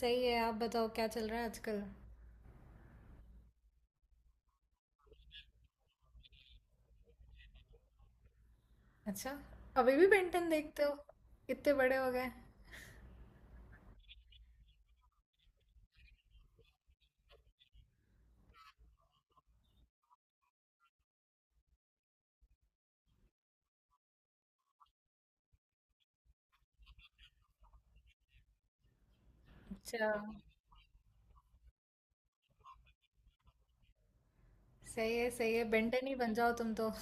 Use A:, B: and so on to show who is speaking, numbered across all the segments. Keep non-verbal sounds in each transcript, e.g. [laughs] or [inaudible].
A: सही है। आप बताओ क्या चल रहा है आजकल। अच्छा। अभी भी बेंटन देखते हो? इतने बड़े हो गए। अच्छा। सही है, सही है, बेंटन ही बन जाओ तुम तो। [laughs]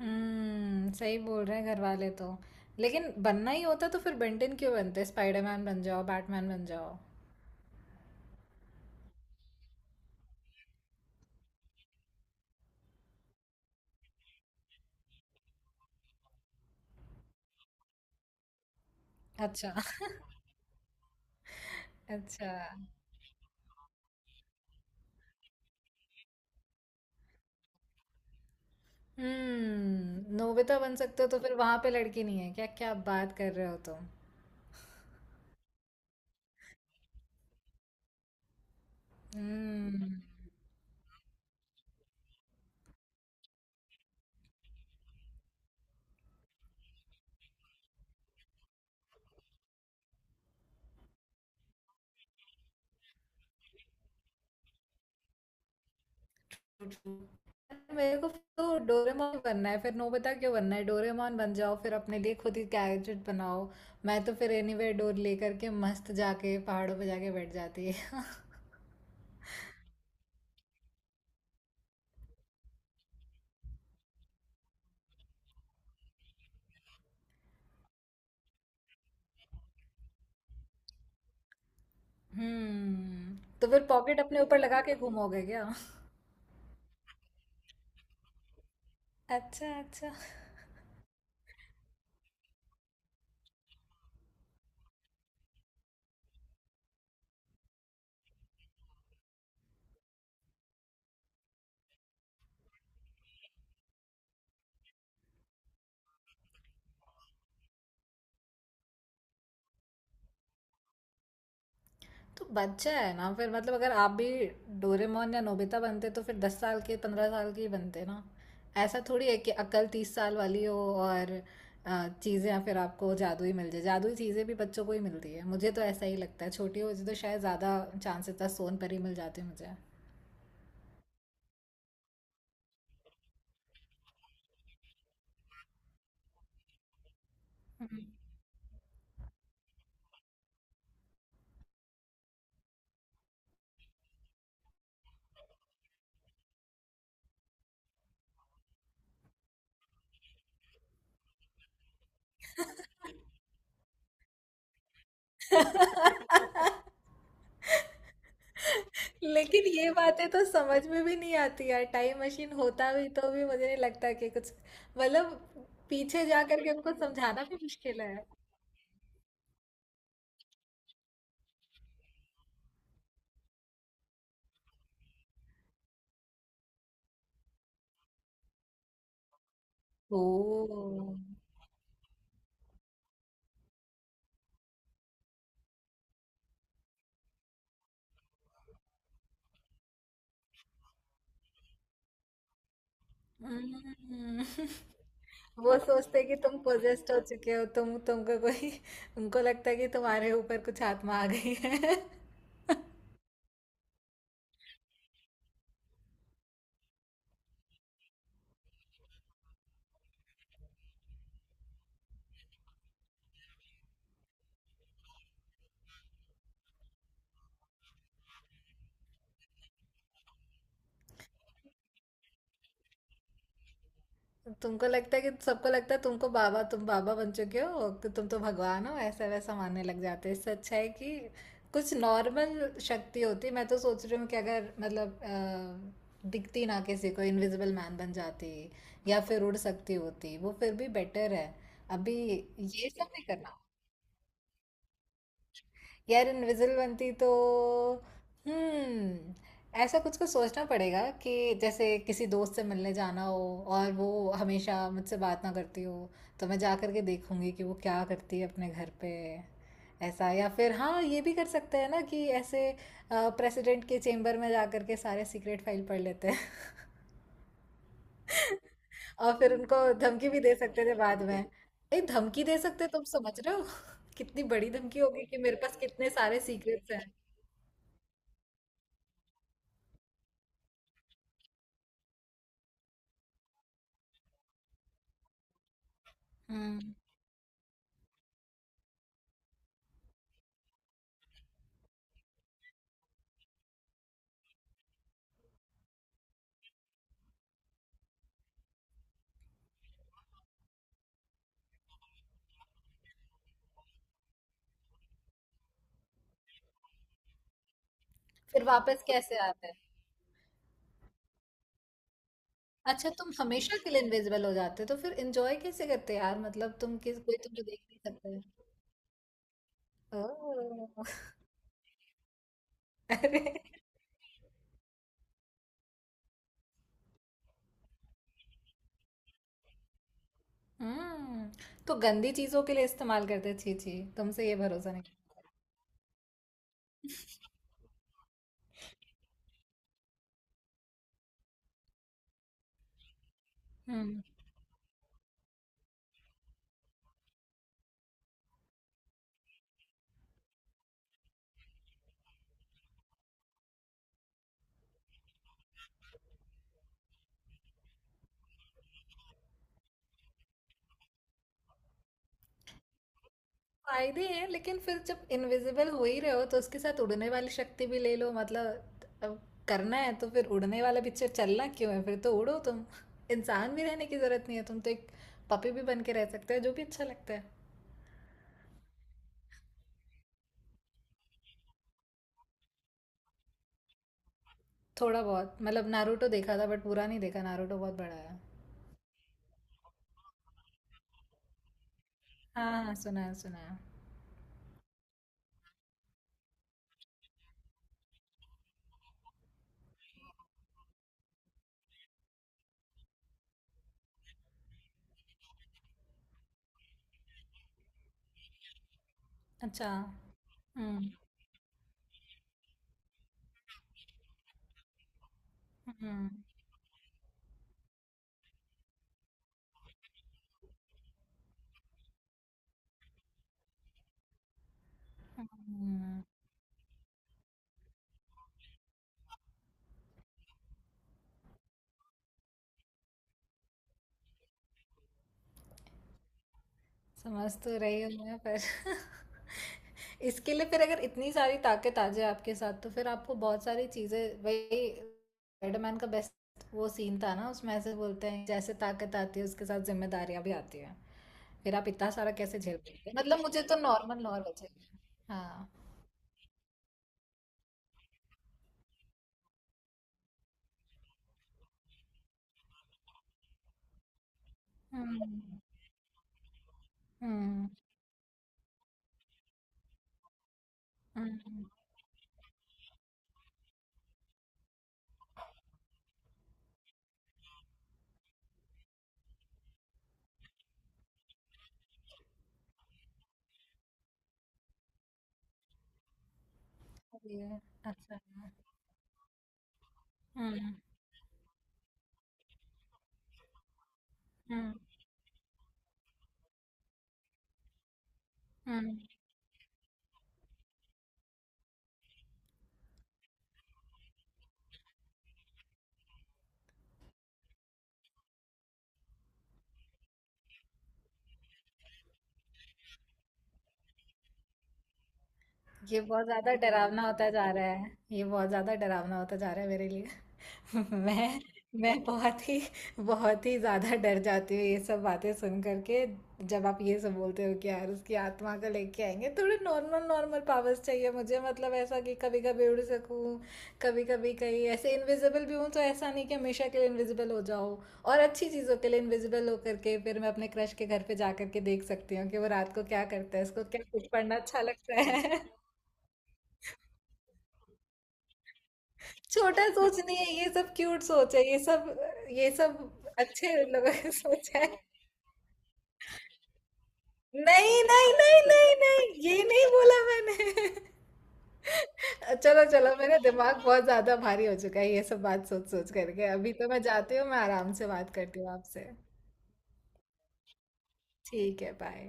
A: हम्म, सही बोल रहे हैं घर वाले तो। लेकिन बनना ही होता तो फिर बेंटन क्यों बनते? स्पाइडरमैन बन जाओ, बैटमैन बन जाओ। अच्छा। [laughs] अच्छा। हम्म, नोबिता बन सकते हो? तो फिर वहां पे लड़की नहीं है क्या? क्या बात कर रहे हो तुम। हम्म, मेरे को तो डोरेमोन बनना है। फिर नोबिता क्यों बनना है? डोरेमोन बन जाओ, फिर अपने लिए खुद ही गैजेट बनाओ। मैं तो फिर एनीवेयर डोर लेकर के मस्त जाके पहाड़ों पे जाके बैठ जाती है। [laughs] हम्म, तो फिर पॉकेट अपने ऊपर लगा के घूमोगे क्या? [laughs] अच्छा, अच्छा। तो बच्चा है ना, फिर मतलब अगर आप भी डोरेमोन या नोबिता बनते तो फिर 10 साल के, 15 साल के ही बनते ना। ऐसा थोड़ी है कि अक्ल 30 साल वाली हो और चीज़ें फिर आपको जादू ही मिल जाए। जादुई चीज़ें भी बच्चों को ही मिलती है, मुझे तो ऐसा ही लगता है। छोटी होती तो शायद ज़्यादा चांसेस था सोन पर ही मिल जाते मुझे। लेकिन ये बातें तो समझ में भी नहीं आती यार। टाइम मशीन होता भी तो भी मुझे नहीं लगता कि कुछ, मतलब पीछे जा करके उनको समझाना भी मुश्किल है। ओ। हम्म। [laughs] वो सोचते कि तुम पोजेस्ट हो चुके हो, तुम, तुमको कोई, उनको लगता है कि तुम्हारे ऊपर कुछ आत्मा आ गई है। [laughs] तुमको लगता है कि सबको लगता है तुमको बाबा, तुम बाबा बन चुके हो? कि तुम तो भगवान हो, ऐसा वैसा मानने लग जाते हैं। इससे अच्छा है कि कुछ नॉर्मल शक्ति होती। मैं तो सोच रही हूँ कि अगर मतलब दिखती ना किसी को, इनविजिबल मैन बन जाती, या फिर उड़ सकती होती वो फिर भी बेटर है अभी। ये सब नहीं करना यार। इनविजिबल बनती तो, हम्म, ऐसा कुछ कुछ सोचना पड़ेगा कि जैसे किसी दोस्त से मिलने जाना हो और वो हमेशा मुझसे बात ना करती हो, तो मैं जा करके देखूंगी कि वो क्या करती है अपने घर पे। ऐसा, या फिर हाँ, ये भी कर सकते हैं ना कि ऐसे प्रेसिडेंट के चेम्बर में जा करके सारे सीक्रेट फाइल पढ़ लेते हैं। [laughs] और फिर उनको धमकी भी दे सकते थे बाद में। नहीं, धमकी दे सकते, तुम समझ रहे हो? [laughs] कितनी बड़ी धमकी होगी कि मेरे पास कितने सारे सीक्रेट्स हैं। हम्म, फिर वापस कैसे आते हैं? अच्छा, तुम हमेशा के लिए इनविजिबल हो जाते हो तो फिर एंजॉय कैसे करते यार? मतलब तुम किस, कोई तुम्हें देख नहीं सकता। ओह। [laughs] अरे। हम्म, तो गंदी चीजों के लिए इस्तेमाल करते? छी छी, तुमसे ये भरोसा नहीं। हम्म, फायदे हैं लेकिन फिर जब इनविजिबल हो ही रहे हो तो उसके साथ उड़ने वाली शक्ति भी ले लो। मतलब अब करना है तो फिर उड़ने वाला पिक्चर चलना क्यों है? फिर तो उड़ो तुम। इंसान भी रहने की जरूरत नहीं है, तुम तो एक पपी भी बन के रह सकते हो, जो भी अच्छा लगता है। थोड़ा बहुत, मतलब नारुतो देखा था बट पूरा नहीं देखा। नारुतो बहुत बड़ा है। हाँ हाँ, सुना है, सुना है। अच्छा। हम्म। हम्म। हम्म, समझ तो रही हूँ मैं पर [laughs] इसके लिए फिर अगर इतनी सारी ताकत आ जाए आपके साथ तो फिर आपको बहुत सारी चीज़ें, वही स्पाइडरमैन का बेस्ट वो सीन था ना उसमें ऐसे बोलते हैं जैसे ताकत आती है उसके साथ जिम्मेदारियां भी आती हैं। फिर आप इतना सारा कैसे झेल पाते हैं? मतलब मुझे तो नॉर्मल नॉर्मल चाहिए। हाँ। हम्म। हम्म। हम्म। Yeah, that's right. Mm, mm, mm. ये बहुत ज़्यादा डरावना होता जा रहा है, ये बहुत ज़्यादा डरावना होता जा रहा है मेरे लिए। [laughs] मैं मैं बहुत ही, बहुत ही ज़्यादा डर जाती हूँ ये सब बातें सुन करके। जब आप ये सब बोलते हो कि यार उसकी आत्मा को लेके आएंगे, थोड़े नॉर्मल नॉर्मल पावर्स चाहिए मुझे। मतलब ऐसा कि कभी कभी उड़ सकूँ, कभी कभी कहीं ऐसे इनविजिबल भी हूँ, तो ऐसा नहीं कि हमेशा के लिए इनविजिबल हो जाओ। और अच्छी चीज़ों के लिए इनविजिबल हो करके फिर मैं अपने क्रश के घर पे जा करके देख सकती हूँ कि वो रात को क्या करता है, इसको क्या कुछ पढ़ना अच्छा लगता है। छोटा सोच नहीं है ये सब, क्यूट सोच है ये सब, ये सब अच्छे लोगों की सोच है। नहीं नहीं नहीं नहीं नहीं, ये नहीं बोला मैंने। [laughs] चलो चलो, मेरा दिमाग बहुत ज्यादा भारी हो चुका है ये सब बात सोच सोच करके। अभी तो मैं जाती हूँ, मैं आराम से बात करती हूँ आपसे। ठीक है, बाय।